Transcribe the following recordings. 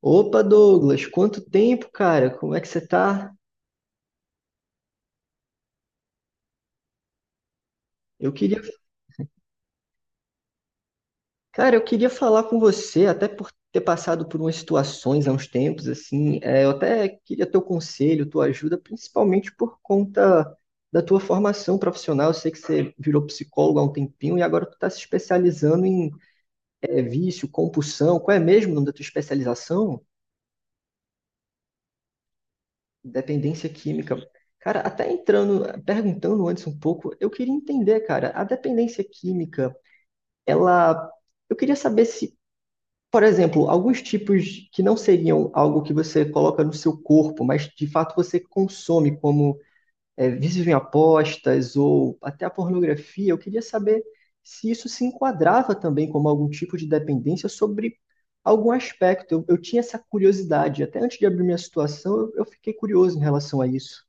Opa, Douglas, quanto tempo, cara? Como é que você tá? Eu queria, cara, eu queria falar com você, até por ter passado por umas situações há uns tempos, assim, eu até queria teu conselho, tua ajuda, principalmente por conta da tua formação profissional. Eu sei que você virou psicólogo há um tempinho e agora tu tá se especializando em vício, compulsão. Qual é mesmo o nome da tua especialização? Dependência química. Cara, até entrando, perguntando antes um pouco, eu queria entender, cara, a dependência química. Ela. Eu queria saber se, por exemplo, alguns tipos que não seriam algo que você coloca no seu corpo, mas de fato você consome, como vícios em apostas ou até a pornografia, eu queria saber se isso se enquadrava também como algum tipo de dependência sobre algum aspecto. Eu tinha essa curiosidade. Até antes de abrir minha situação, eu fiquei curioso em relação a isso.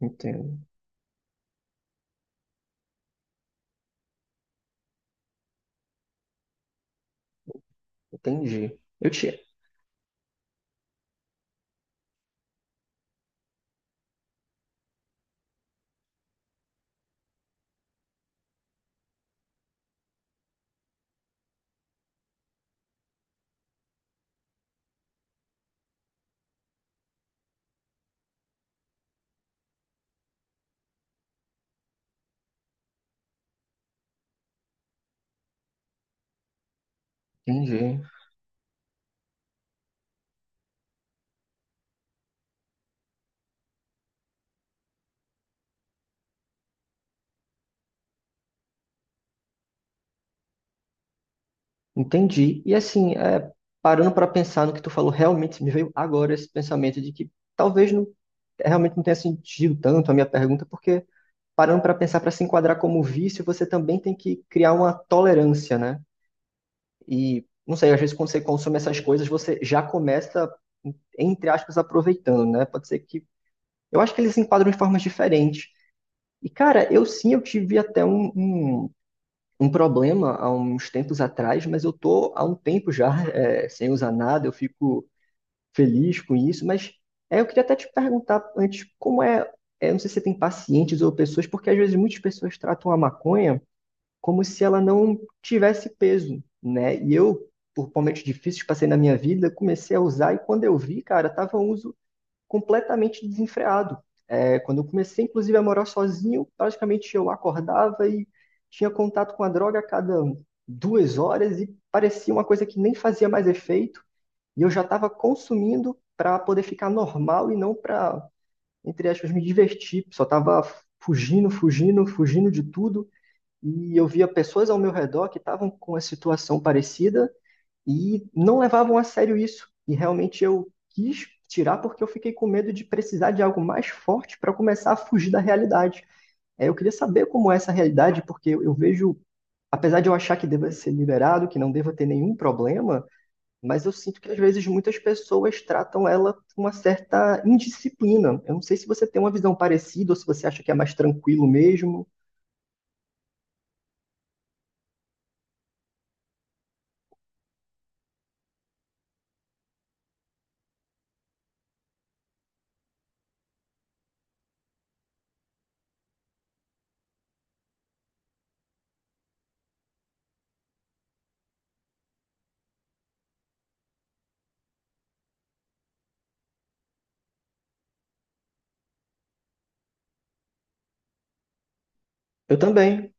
Entendo. Entendi. Eu tinha. Entendi. Entendi. E assim, é, parando para pensar no que tu falou, realmente me veio agora esse pensamento de que talvez não, realmente não tenha sentido tanto a minha pergunta, porque parando para pensar para se enquadrar como vício, você também tem que criar uma tolerância, né? E não sei, às vezes quando você consome essas coisas, você já começa, entre aspas, aproveitando, né? Pode ser que. Eu acho que eles se enquadram de formas diferentes. E, cara, eu sim, eu tive até um problema há uns tempos atrás, mas eu tô há um tempo já sem usar nada, eu fico feliz com isso, mas é, eu queria até te perguntar antes, como é, é, não sei se você tem pacientes ou pessoas, porque às vezes muitas pessoas tratam a maconha como se ela não tivesse peso, né? E eu, por momentos difíceis que passei na minha vida, comecei a usar e quando eu vi, cara, tava um uso completamente desenfreado. É, quando eu comecei, inclusive, a morar sozinho, praticamente eu acordava e tinha contato com a droga a cada 2 horas e parecia uma coisa que nem fazia mais efeito. E eu já estava consumindo para poder ficar normal e não para, entre aspas, me divertir. Só estava fugindo, fugindo, fugindo de tudo. E eu via pessoas ao meu redor que estavam com uma situação parecida e não levavam a sério isso. E realmente eu quis tirar porque eu fiquei com medo de precisar de algo mais forte para começar a fugir da realidade. É, eu queria saber como é essa realidade, porque eu vejo, apesar de eu achar que deva ser liberado, que não deva ter nenhum problema, mas eu sinto que às vezes muitas pessoas tratam ela com uma certa indisciplina. Eu não sei se você tem uma visão parecida ou se você acha que é mais tranquilo mesmo. Eu também.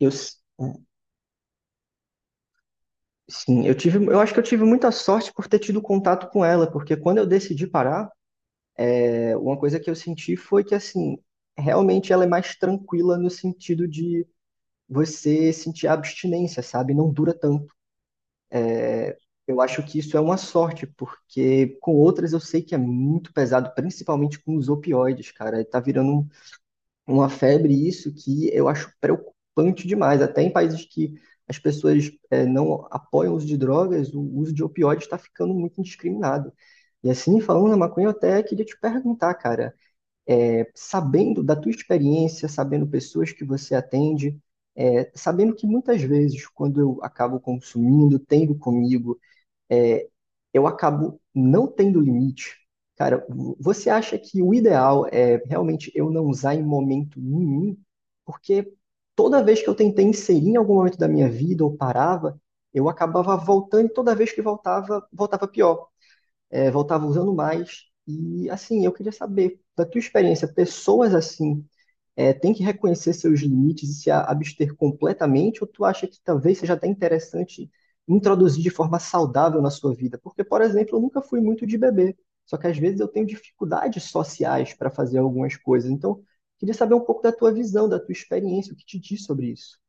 Eu, s- Sim, eu tive, eu acho que eu tive muita sorte por ter tido contato com ela, porque quando eu decidi parar, é, uma coisa que eu senti foi que, assim, realmente ela é mais tranquila no sentido de você sentir a abstinência, sabe? Não dura tanto. É, eu acho que isso é uma sorte, porque com outras eu sei que é muito pesado, principalmente com os opioides, cara. Tá virando uma febre isso que eu acho preocupante demais. Até em países que as pessoas não apoiam o uso de drogas, o uso de opioides está ficando muito indiscriminado. E assim, falando na maconha, eu até queria te perguntar, cara, sabendo da tua experiência, sabendo pessoas que você atende, sabendo que muitas vezes, quando eu acabo consumindo, tendo comigo é, eu acabo não tendo limite. Cara, você acha que o ideal é realmente eu não usar em momento nenhum? Porque toda vez que eu tentei inserir em algum momento da minha vida ou parava, eu acabava voltando e toda vez que voltava, voltava pior, É, voltava usando mais. E assim, eu queria saber da tua experiência, pessoas assim tem que reconhecer seus limites e se abster completamente, ou tu acha que talvez seja até interessante introduzir de forma saudável na sua vida? Porque, por exemplo, eu nunca fui muito de beber, só que às vezes eu tenho dificuldades sociais para fazer algumas coisas. Então, queria saber um pouco da tua visão, da tua experiência, o que te diz sobre isso.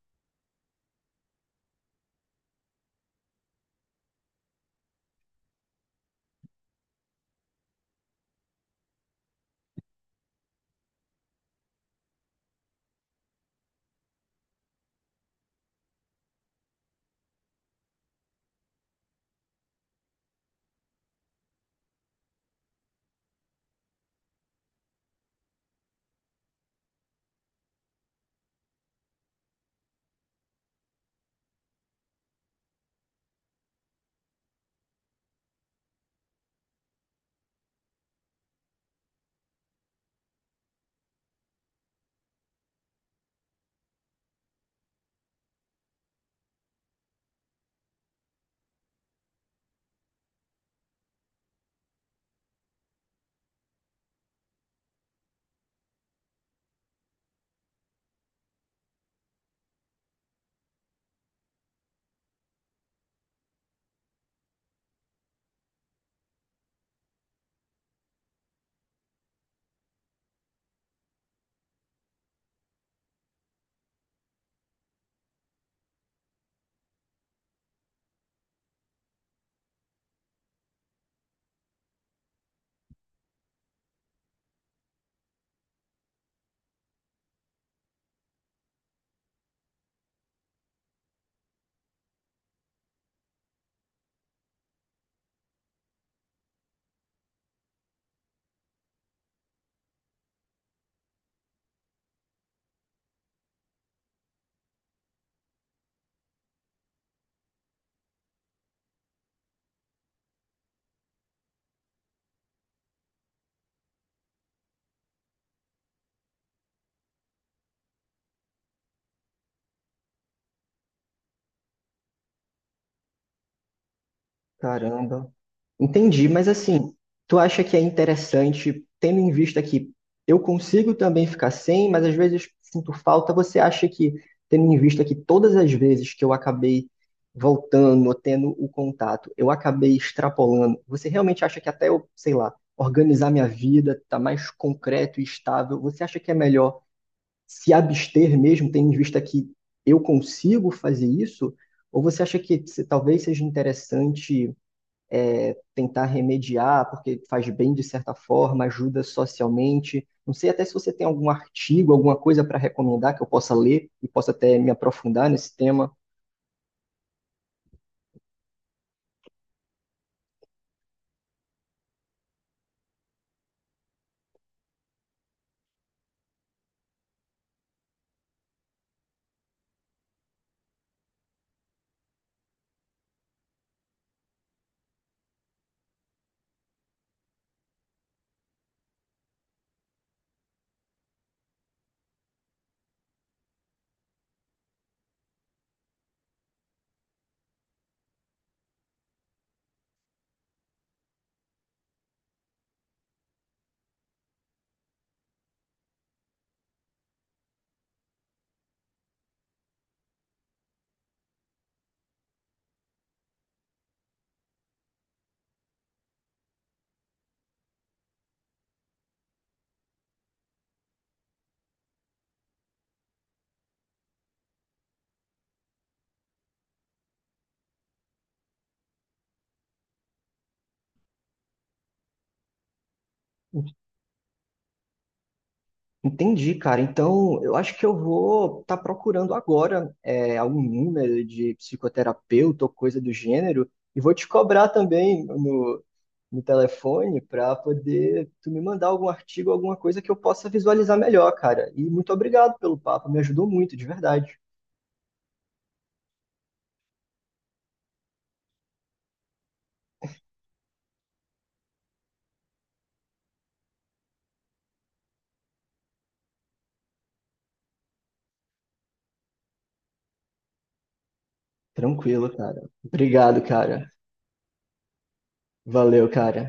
Caramba. Entendi, mas assim, tu acha que é interessante, tendo em vista que eu consigo também ficar sem, mas às vezes sinto falta, você acha que, tendo em vista que todas as vezes que eu acabei voltando, ou tendo o contato, eu acabei extrapolando, você realmente acha que até eu, sei lá, organizar minha vida, tá mais concreto e estável, você acha que é melhor se abster mesmo, tendo em vista que eu consigo fazer isso? Ou você acha que talvez seja interessante tentar remediar, porque faz bem de certa forma, ajuda socialmente. Não sei até se você tem algum artigo, alguma coisa para recomendar que eu possa ler e possa até me aprofundar nesse tema. Entendi, cara. Então, eu acho que eu vou estar procurando agora algum número de psicoterapeuta ou coisa do gênero e vou te cobrar também no telefone para poder tu me mandar algum artigo, alguma coisa que eu possa visualizar melhor, cara. E muito obrigado pelo papo, me ajudou muito, de verdade. Tranquilo, cara. Obrigado, cara. Valeu, cara.